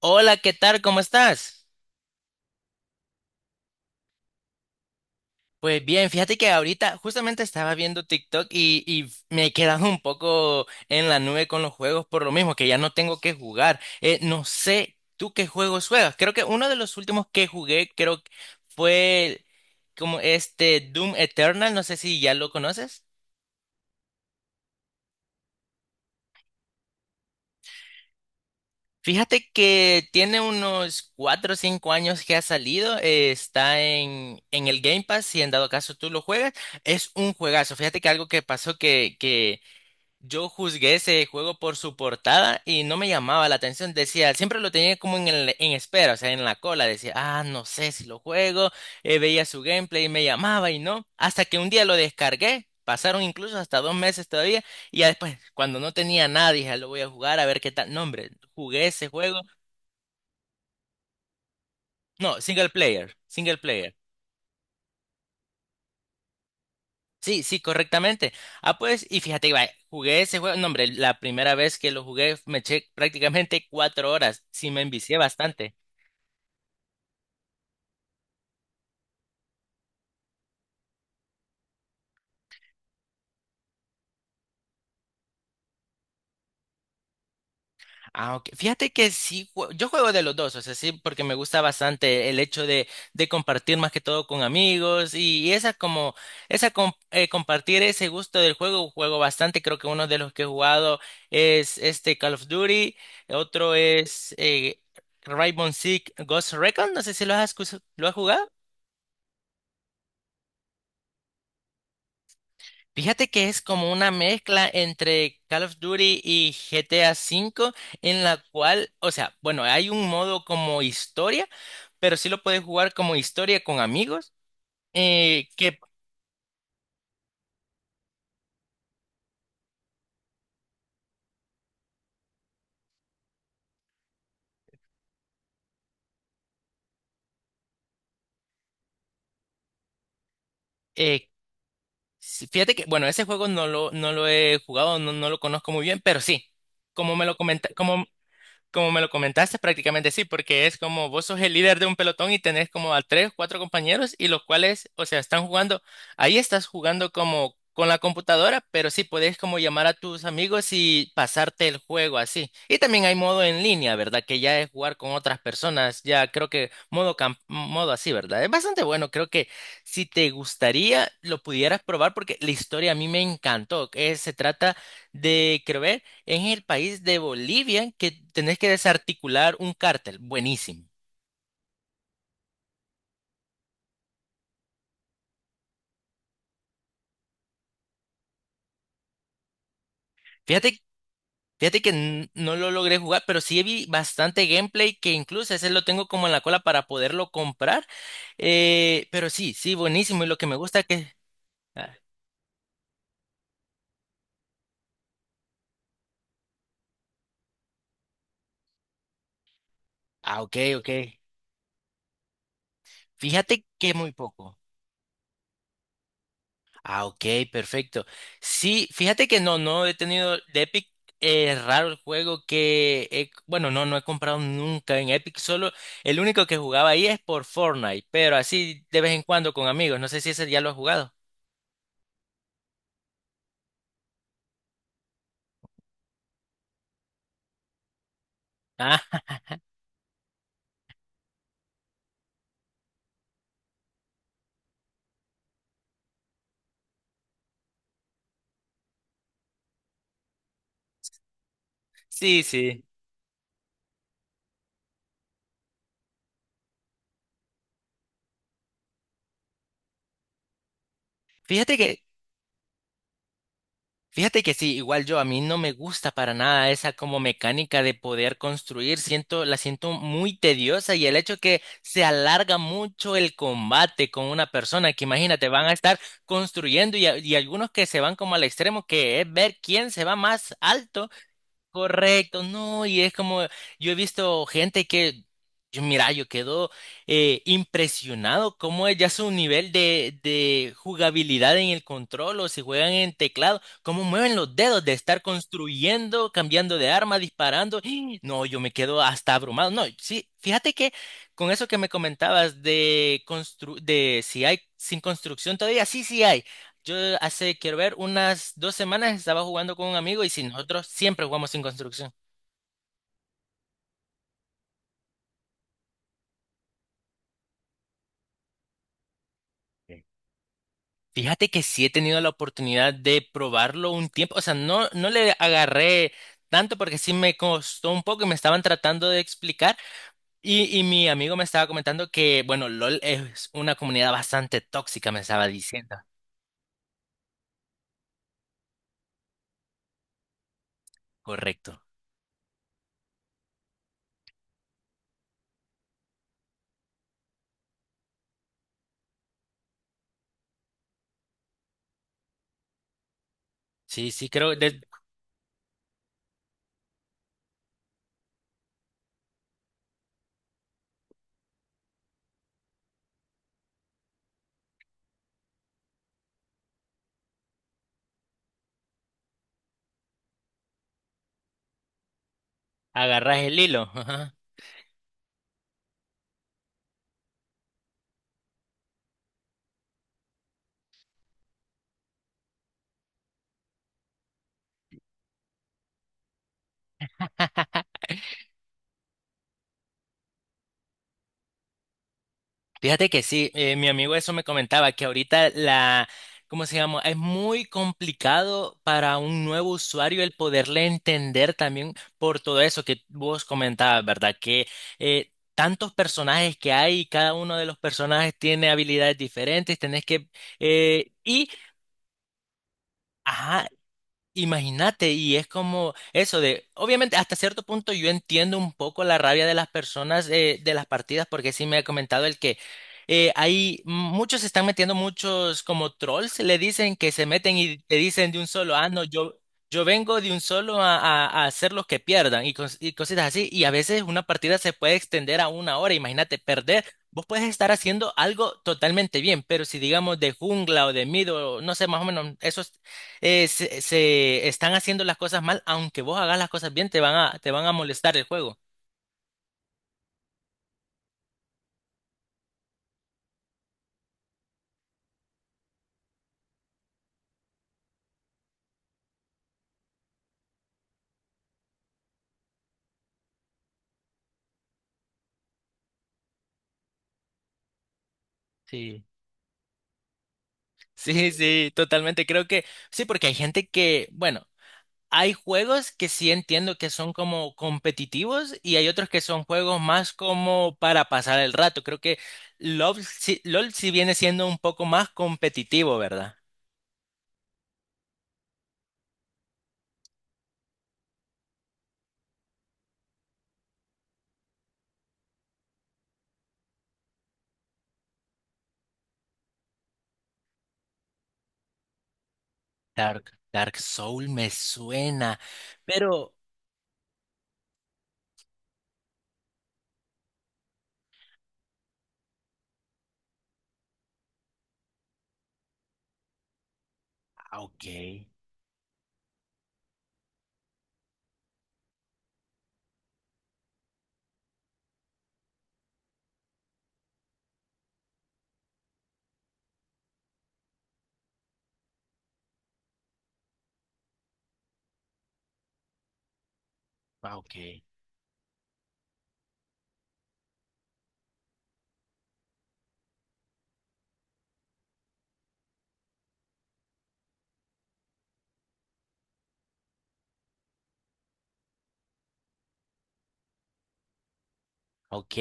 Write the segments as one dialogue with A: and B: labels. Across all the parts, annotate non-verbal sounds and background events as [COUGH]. A: Hola, ¿qué tal? ¿Cómo estás? Pues bien, fíjate que ahorita justamente estaba viendo TikTok y me he quedado un poco en la nube con los juegos por lo mismo, que ya no tengo que jugar. No sé tú qué juegos juegas. Creo que uno de los últimos que jugué, creo que fue como este Doom Eternal, no sé si ya lo conoces. Fíjate que tiene unos 4 o 5 años que ha salido, está en el Game Pass, si en dado caso tú lo juegas, es un juegazo. Fíjate que algo que pasó yo juzgué ese juego por su portada y no me llamaba la atención. Decía, siempre lo tenía como en espera, o sea, en la cola. Decía, no sé si lo juego. Veía su gameplay y me llamaba y no. Hasta que un día lo descargué. Pasaron incluso hasta 2 meses todavía. Y ya después, cuando no tenía nada, dije, "Ah, lo voy a jugar a ver qué tal." No, hombre, jugué ese juego. No, single player, single player. Sí, sí, correctamente. Ah, pues, y fíjate, va, jugué ese juego, no, hombre, la primera vez que lo jugué me eché prácticamente 4 horas, sí me envicié bastante. Ah, ok. Fíjate que sí, yo juego de los dos, o sea, sí, porque me gusta bastante el hecho de compartir más que todo con amigos y esa como, compartir ese gusto del juego, juego bastante, creo que uno de los que he jugado es este Call of Duty, otro es Rainbow Six Ghost Recon, no sé si lo has jugado. Fíjate que es como una mezcla entre Call of Duty y GTA V, en la cual, o sea, bueno, hay un modo como historia, pero sí lo puedes jugar como historia con amigos. Que eh, sí, fíjate que, bueno, ese juego no lo he jugado, no, no lo conozco muy bien, pero sí, como me lo comenta, Como me lo comentaste, prácticamente sí, porque es como vos sos el líder de un pelotón y tenés como a tres, cuatro compañeros y los cuales, o sea, están jugando, ahí estás jugando como con la computadora, pero sí podés como llamar a tus amigos y pasarte el juego así. Y también hay modo en línea, ¿verdad? Que ya es jugar con otras personas, ya creo que modo así, ¿verdad? Es bastante bueno, creo que si te gustaría lo pudieras probar porque la historia a mí me encantó. Se trata de, creo, en el país de Bolivia que tenés que desarticular un cártel. Buenísimo. Fíjate, fíjate que no lo logré jugar, pero sí vi bastante gameplay que incluso ese lo tengo como en la cola para poderlo comprar. Pero sí, sí, buenísimo. Y lo que me gusta que. Ah, ah, ok, ok. Fíjate que muy poco. Ah, ok, perfecto. Sí, fíjate que no he tenido de Epic. Es raro el juego que, bueno, no he comprado nunca en Epic. Solo el único que jugaba ahí es por Fortnite, pero así de vez en cuando con amigos. No sé si ese ya lo has jugado. Ah, sí, sí. Fíjate que Fíjate que sí, igual yo, a mí no me gusta para nada esa como mecánica de poder construir, siento, la siento muy tediosa y el hecho que se alarga mucho el combate con una persona, que imagínate, van a estar construyendo y algunos que se van como al extremo, que es ver quién se va más alto. Correcto, no, y es como yo he visto gente que, yo, mira, yo quedo impresionado cómo es ya su nivel de jugabilidad en el control o si juegan en teclado, cómo mueven los dedos de estar construyendo, cambiando de arma, disparando. ¡Ih! No, yo me quedo hasta abrumado. No, sí, fíjate que con eso que me comentabas de si hay sin construcción todavía, sí, sí hay. Yo hace, quiero ver, unas 2 semanas estaba jugando con un amigo y si nosotros siempre jugamos sin construcción. Sí. Fíjate que sí he tenido la oportunidad de probarlo un tiempo, o sea, no le agarré tanto porque sí me costó un poco y me estaban tratando de explicar y mi amigo me estaba comentando que, bueno, LOL es una comunidad bastante tóxica, me estaba diciendo. Correcto. Sí, sí, creo que sí, agarras el hilo. Fíjate que sí, mi amigo eso me comentaba, que ahorita la, ¿cómo se llama? Es muy complicado para un nuevo usuario el poderle entender también por todo eso que vos comentabas, ¿verdad? Que tantos personajes que hay, y cada uno de los personajes tiene habilidades diferentes, tenés que. eh, y, ajá, imagínate, y es como eso de, obviamente hasta cierto punto yo entiendo un poco la rabia de las personas de las partidas, porque sí me ha comentado el que hay muchos se están metiendo, muchos como trolls le dicen que se meten y te dicen de un solo, ah, no, yo, vengo de un solo a hacer los que pierdan y, y cositas así, y a veces una partida se puede extender a una hora, imagínate perder. Vos puedes estar haciendo algo totalmente bien, pero si digamos de jungla o de mid o no sé, más o menos, eso se están haciendo las cosas mal, aunque vos hagas las cosas bien, te van a molestar el juego. Sí, sí, sí, totalmente. Creo que sí, porque hay gente que, bueno, hay juegos que sí entiendo que son como competitivos y hay otros que son juegos más como para pasar el rato. Creo que LOL sí, LOL sí viene siendo un poco más competitivo, ¿verdad? Dark Soul me suena, pero ok, ok, ok.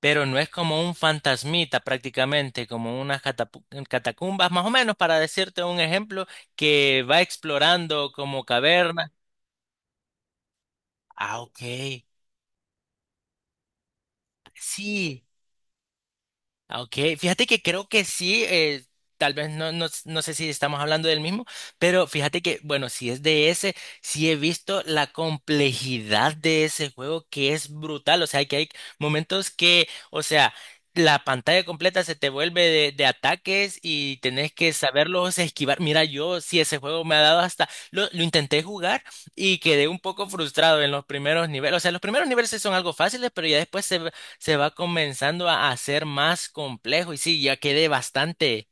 A: Pero no es como un fantasmita prácticamente, como unas catacumbas, más o menos para decirte un ejemplo, que va explorando como cavernas. Ah, ok. Sí, ah, ok, fíjate que creo que sí, tal vez no, no sé si estamos hablando del mismo, pero fíjate que, bueno, si es de ese, sí he visto la complejidad de ese juego que es brutal, o sea, que hay momentos que, o sea, la pantalla completa se te vuelve de ataques y tenés que saberlos esquivar. Mira, yo sí ese juego me ha dado hasta, lo intenté jugar y quedé un poco frustrado en los primeros niveles, o sea, los primeros niveles sí son algo fáciles, pero ya después se va comenzando a hacer más complejo y sí, ya quedé bastante,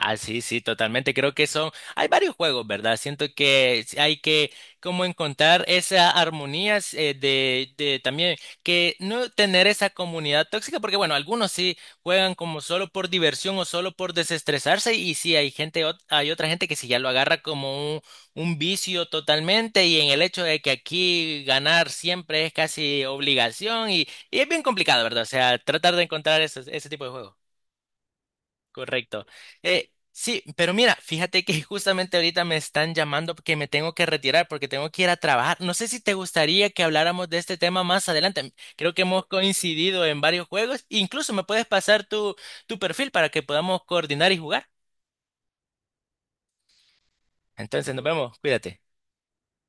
A: ah, sí, sí, totalmente. Creo que son, hay varios juegos, ¿verdad? Siento que hay que como encontrar esa armonía de también que no tener esa comunidad tóxica, porque bueno, algunos sí juegan como solo por diversión o solo por desestresarse y sí hay gente, hay otra gente que sí ya lo agarra como un vicio totalmente y en el hecho de que aquí ganar siempre es casi obligación y es bien complicado, ¿verdad? O sea, tratar de encontrar ese tipo de juegos. Correcto. Sí, pero mira, fíjate que [LAUGHS] justamente ahorita me están llamando porque me tengo que retirar, porque tengo que ir a trabajar. No sé si te gustaría que habláramos de este tema más adelante. Creo que hemos coincidido en varios juegos. Incluso me puedes pasar tu perfil para que podamos coordinar y jugar. Entonces, nos vemos. Cuídate.